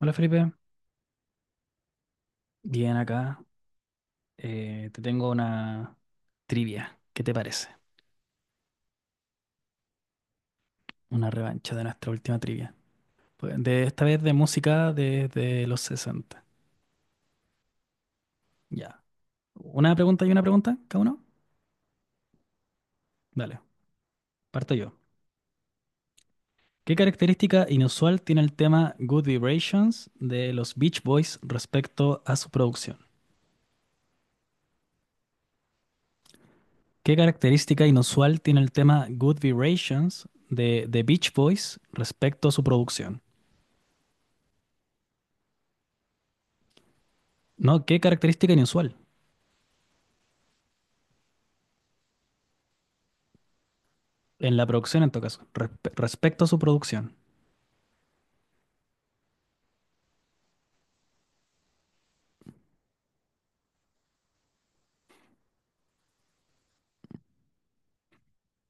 Hola Felipe, bien acá. Te tengo una trivia. ¿Qué te parece? Una revancha de nuestra última trivia. Pues, de esta vez de música desde los 60. Ya. Una pregunta y una pregunta, cada uno. Dale, parto yo. ¿Qué característica inusual tiene el tema Good Vibrations de los Beach Boys respecto a su producción? ¿Qué característica inusual tiene el tema Good Vibrations de The Beach Boys respecto a su producción? No, ¿qué característica inusual? En la producción, en todo caso. Respecto a su producción.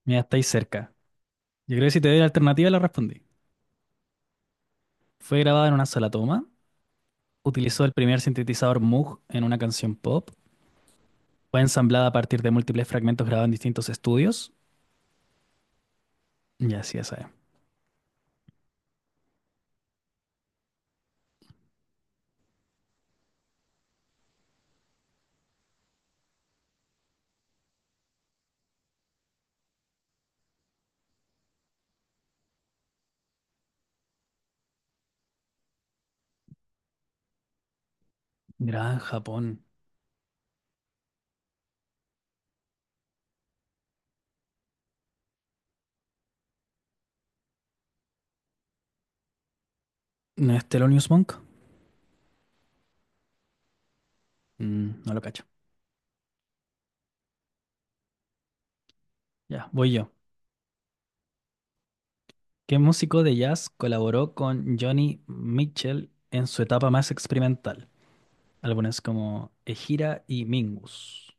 Mira, estáis cerca. Yo creo que si te doy la alternativa, la respondí. Fue grabada en una sola toma. Utilizó el primer sintetizador Moog en una canción pop. Fue ensamblada a partir de múltiples fragmentos grabados en distintos estudios. Ya, sí, esa es. Grabada en Japón. ¿No es Thelonious Monk? Mm, no lo cacho. Ya, voy yo. ¿Qué músico de jazz colaboró con Johnny Mitchell en su etapa más experimental? Álbumes como Ejira y Mingus.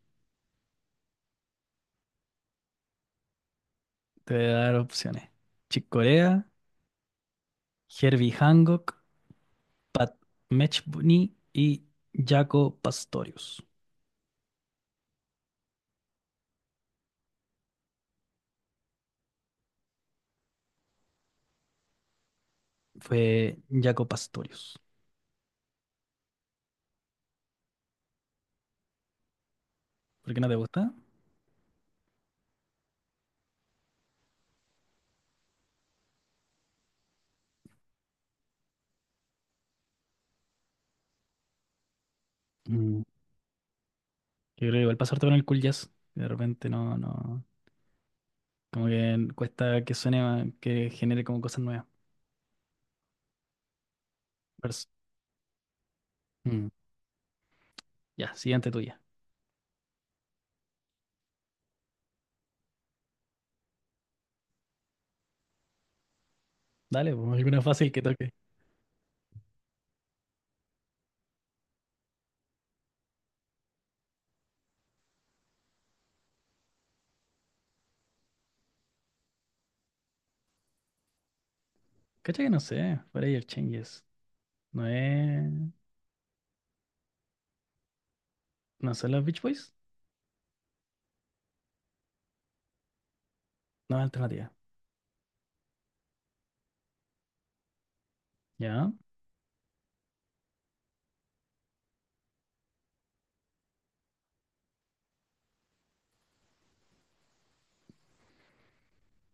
Te voy a dar opciones. Chick Corea, Herbie Hancock, Pat Metheny y Jaco Pastorius. Fue Jaco Pastorius. ¿Por qué no te gusta? Mm. Yo creo que igual pasarte con el cool jazz. De repente no, no. Como que cuesta que suene, que genere como cosas nuevas. Vers- Mm. Ya, siguiente tuya. Dale, pues alguna fácil que toque. Cacha que no sé, el Changes. No es. ¿No son los Beach Boys? No es alternativa. ¿Ya?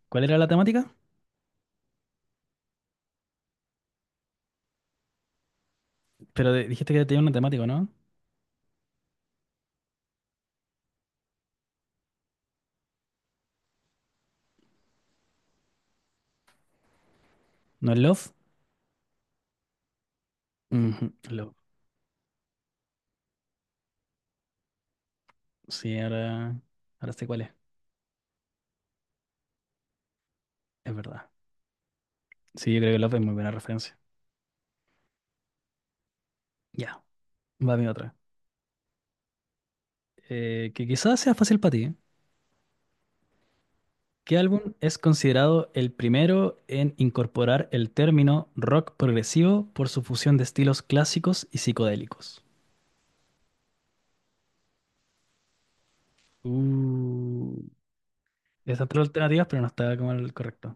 ¿Cuál era la temática? Pero dijiste que tenía una temática, ¿no? ¿No es Love? Ujú, Love. Sí, ahora, ahora sé cuál es. Es verdad. Sí, yo creo que Love es muy buena referencia. Ya, va mi otra. Que quizás sea fácil para ti. ¿Eh? ¿Qué álbum es considerado el primero en incorporar el término rock progresivo por su fusión de estilos clásicos y psicodélicos? Uh, están tres alternativas, pero no está como el correcto.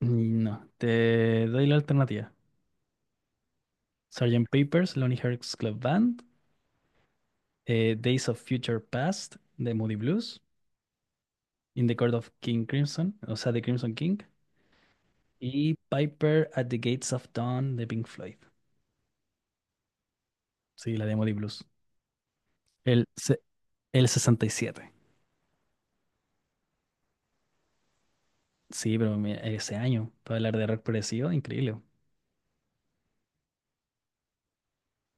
Mm, no, te doy la alternativa. Sergeant Papers, Lonely Hearts Club Band, Days of Future Past de Moody Blues, In the Court of King Crimson, o sea, de Crimson King, y Piper at the Gates of Dawn de Pink Floyd. Sí, la de Moody Blues. El, se- el 67. Sí, pero mira, ese año, para hablar de rock progresivo, increíble.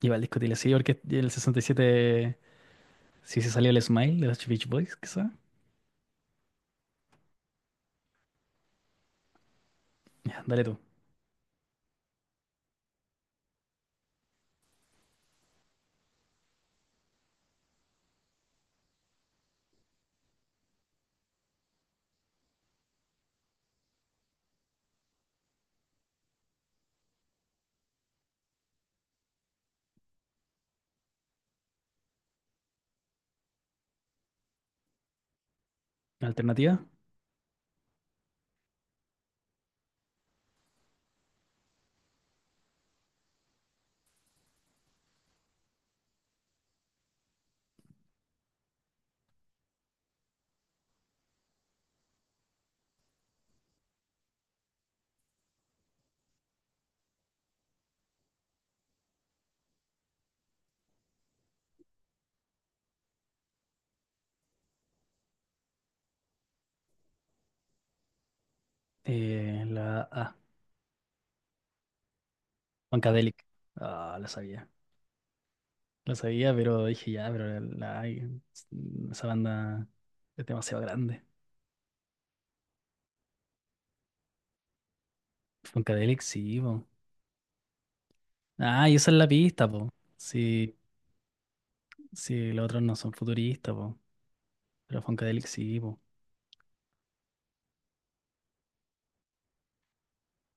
Iba al disco Tile, sí, porque el 67 si se salió el Smile de los Beach Boys, quizá. Ya, dale tú. Alternativa, la A, Funkadelic. Ah, la sabía. Lo sabía, pero dije ya, pero la- esa banda es demasiado grande. Funkadelic, sí, po. Ah, y esa es la pista, po. Sí, sí, los otros no son futuristas, po. Pero Funkadelic sí, po.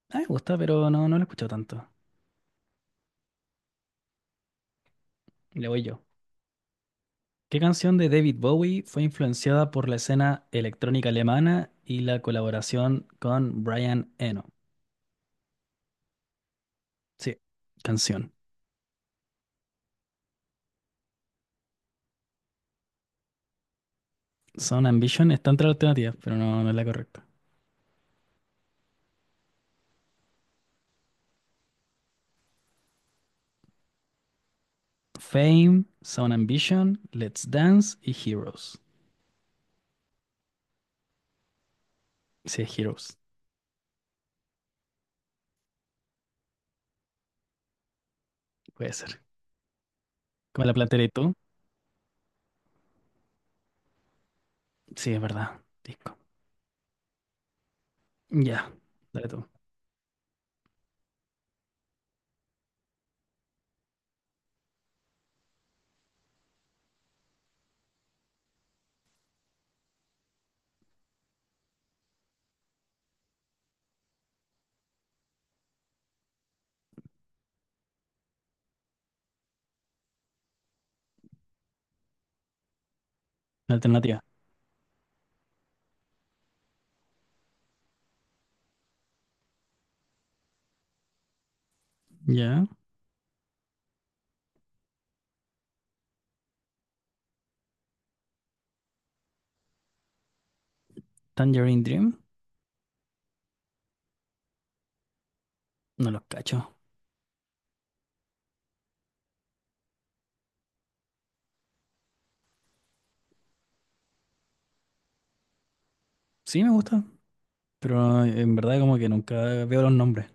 Ah, me gusta, pero no, no lo he escuchado tanto. Le voy yo. ¿Qué canción de David Bowie fue influenciada por la escena electrónica alemana y la colaboración con Brian Eno? Sí, canción. Son Ambition está entre las alternativas, pero no, no es la correcta. Fame, Sound Ambition, Let's Dance y Heroes. Sí, Heroes, puede ser. ¿Cómo la plantearé tú? Sí, es verdad. Disco. Ya, dale tú. Alternativa. Ya. Tangerine Dream. No los cacho. Sí, me gusta. Pero en verdad como que nunca veo los nombres.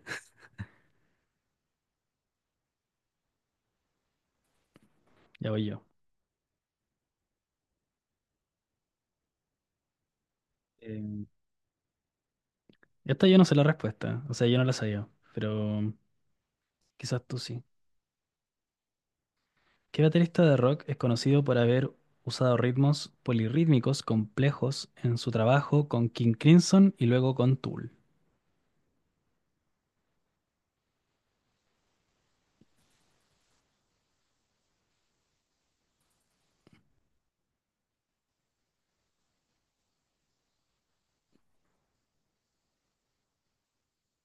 Ya voy yo. Eh, esta yo no sé la respuesta. O sea, yo no la sabía. Pero quizás tú sí. ¿Qué baterista de rock es conocido por haber usado ritmos polirrítmicos complejos en su trabajo con King Crimson y luego con Tool?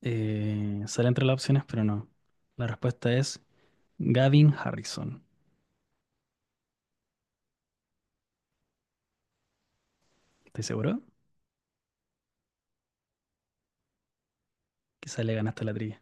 Sale entre las opciones, pero no. La respuesta es Gavin Harrison. ¿Estás seguro? Quizá le ganaste la trivia.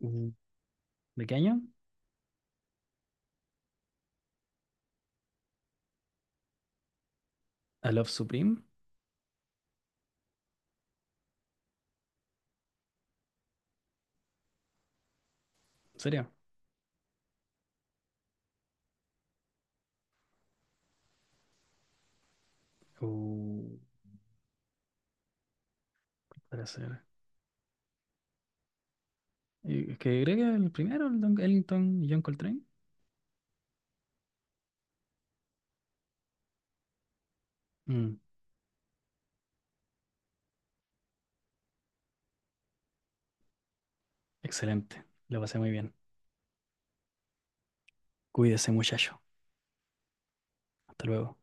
Mm. ¿De qué año? ¿A Love Supreme? ¿En serio? Uh, para ser. Y es que creo que el primero, el Don Ellington y John Coltrane. Mm, excelente. Lo pasé muy bien. Cuídese, muchacho. Hasta luego.